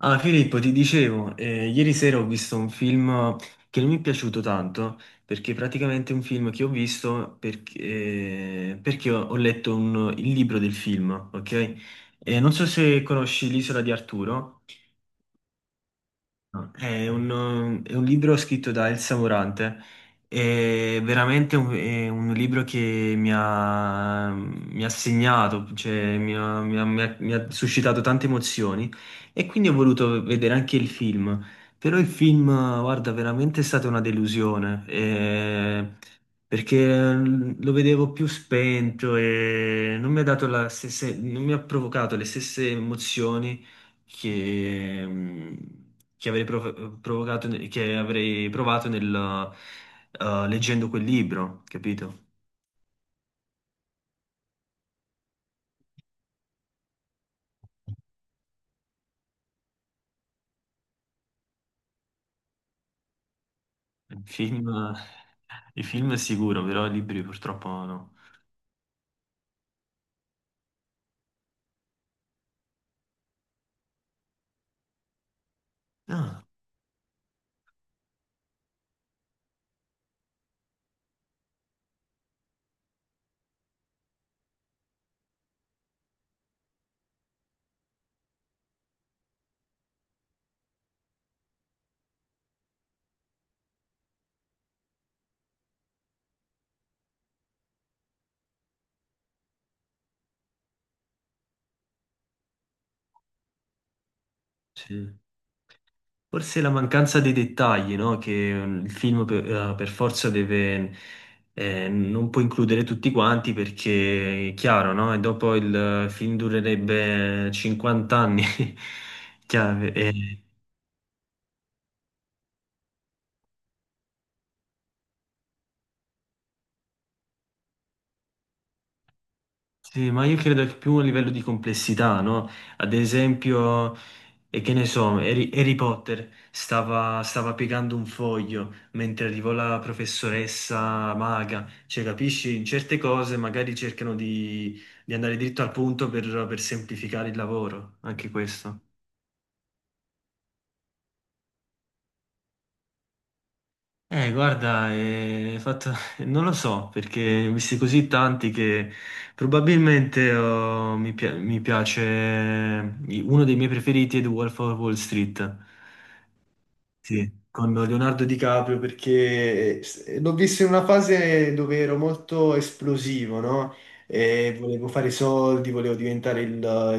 Ah, Filippo, ti dicevo, ieri sera ho visto un film che non mi è piaciuto tanto, perché praticamente è un film che ho visto perché ho letto il libro del film, ok? Non so se conosci L'isola di Arturo. No. È un libro scritto da Elsa Morante. È un libro che mi ha segnato, cioè mi ha suscitato tante emozioni e quindi ho voluto vedere anche il film. Però il film, guarda, veramente è stata una delusione, perché lo vedevo più spento e non mi ha dato la stessa, non mi ha provocato le stesse emozioni che, che avrei provocato, che avrei provato nel leggendo quel libro, capito? Il film, i film è sicuro, però i libri purtroppo no. Ah, sì. Forse la mancanza dei dettagli, no? Che il film per forza deve, non può includere tutti quanti perché è chiaro, no? E dopo il film durerebbe 50 anni. Chiaro, sì, ma io credo che più a livello di complessità, no? Ad esempio. E che ne so, Harry Potter stava piegando un foglio mentre arrivò la professoressa maga. Cioè, capisci? In certe cose magari cercano di andare dritto al punto per semplificare il lavoro, anche questo. Guarda, non lo so, perché ne ho visti così tanti che probabilmente oh, mi piace. Uno dei miei preferiti è The Wolf of Wall Street. Sì, con Leonardo DiCaprio perché l'ho visto in una fase dove ero molto esplosivo, no? E volevo fare i soldi, volevo diventare il,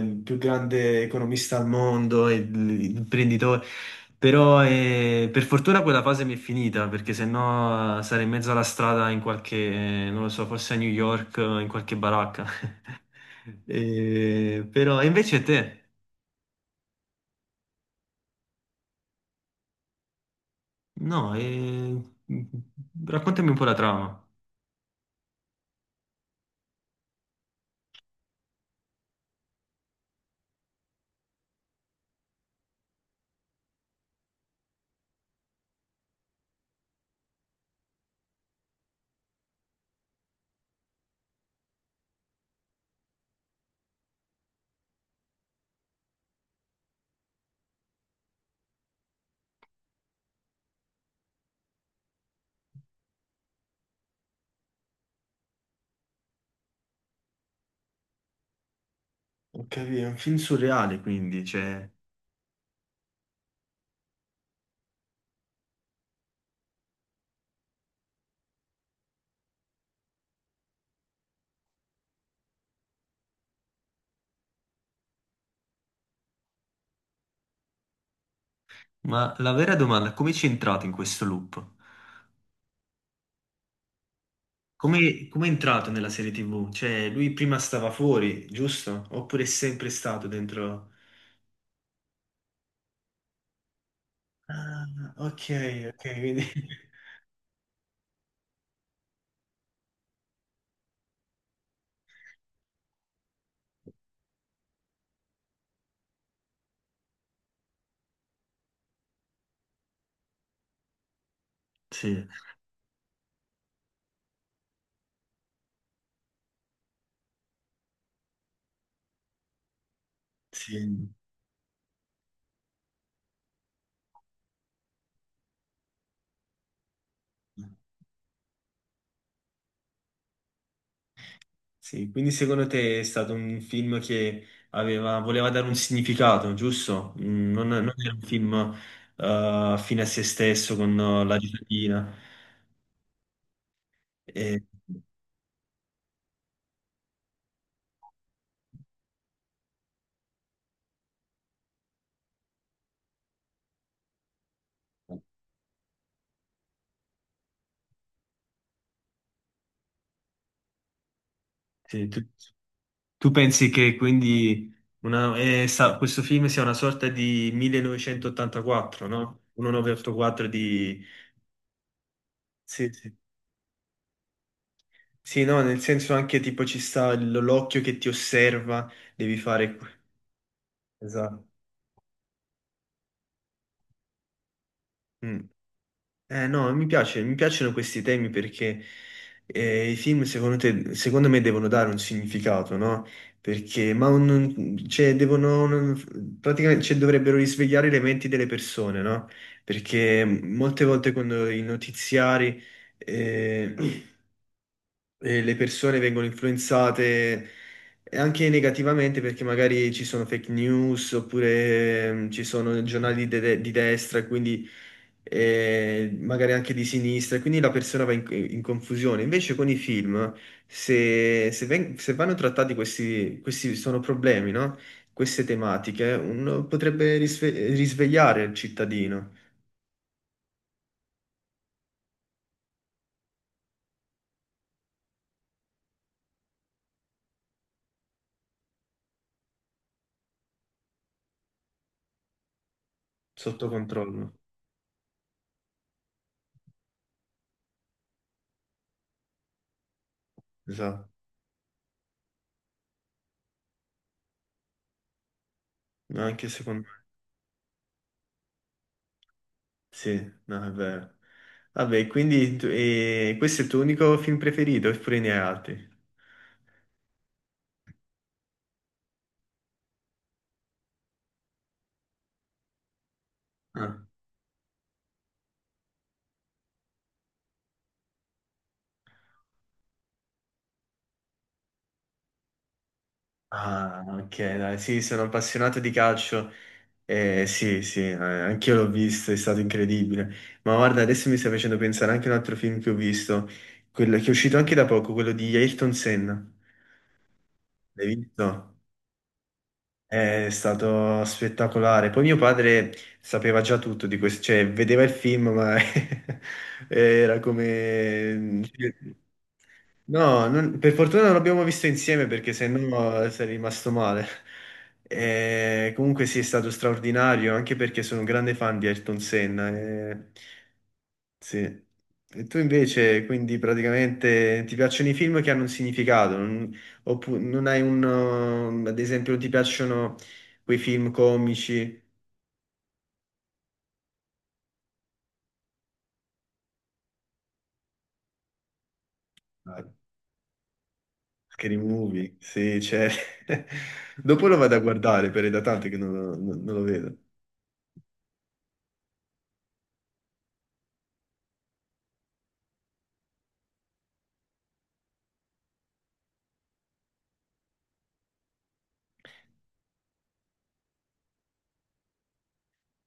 il più grande economista al mondo, il imprenditore. Però per fortuna quella fase mi è finita, perché sennò sarei in mezzo alla strada in qualche, non lo so, forse a New York, in qualche baracca. Però, e invece te? No, raccontami un po' la trama. Ho capito, è un film surreale quindi, cioè. Ma la vera domanda è come ci è entrato in questo loop? Come è entrato nella serie TV? Cioè, lui prima stava fuori, giusto? Oppure è sempre stato dentro. Ah, ok, ok, quindi. Sì, sì. Sì, quindi secondo te è stato un film che aveva, voleva dare un significato, giusto? Non era un film, fine a se stesso con la giratina. E. Sì, tu pensi che quindi questo film sia una sorta di 1984, no? 1984 di. Sì, sì. Sì, no, nel senso anche tipo ci sta l'occhio che ti osserva, devi fare. Esatto. Mm. No, mi piace, mi piacciono questi temi perché i film secondo me devono dare un significato, no? Perché, ma cioè, devono, praticamente, cioè, dovrebbero risvegliare le menti delle persone, no? Perché molte volte quando i notiziari, eh, e le persone vengono influenzate anche negativamente perché magari ci sono fake news oppure ci sono giornali di destra e quindi magari anche di sinistra e quindi la persona va in confusione. Invece con i film, se vanno trattati questi, questi sono problemi, no? Queste tematiche, uno potrebbe risvegliare il cittadino sotto controllo. Esatto, anche secondo me. Sì, no, è vero. Vabbè, quindi e questo è il tuo unico film preferito, oppure ne hai altri? Ah. Ah, ok, dai, sì, sono appassionato di calcio. Sì, sì, anch'io l'ho visto, è stato incredibile. Ma guarda, adesso mi stai facendo pensare anche a un altro film che ho visto, quello che è uscito anche da poco, quello di Ayrton Senna. L'hai visto? È stato spettacolare. Poi mio padre sapeva già tutto di questo, cioè vedeva il film, ma era come. No, per fortuna non l'abbiamo visto insieme perché sennò sarei rimasto male. Comunque sì, è stato straordinario, anche perché sono un grande fan di Ayrton Senna. Eh, sì. E tu invece, quindi praticamente ti piacciono i film che hanno un significato. Oppure non hai ad esempio, non ti piacciono quei film comici. Dai. Scary Movie, sì, c'è. Dopo lo vado a guardare, per è da tanto che non lo vedo.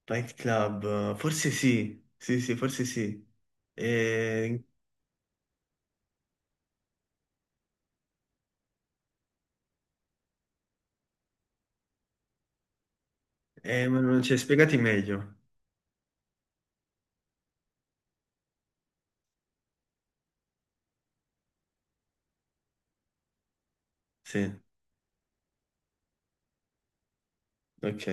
Fight Club, forse sì, sì, sì, forse sì. E. Ma non c'è, spiegati meglio. Sì, ok,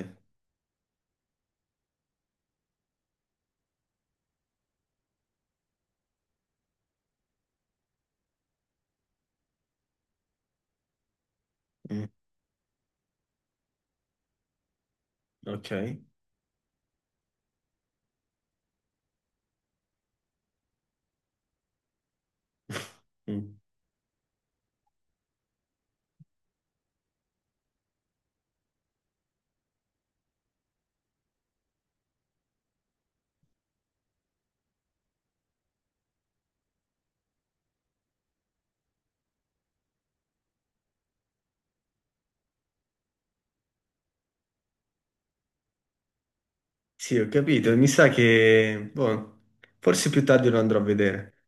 mm, ok. Mm. Sì, ho capito, mi sa che, boh, forse più tardi lo andrò a vedere.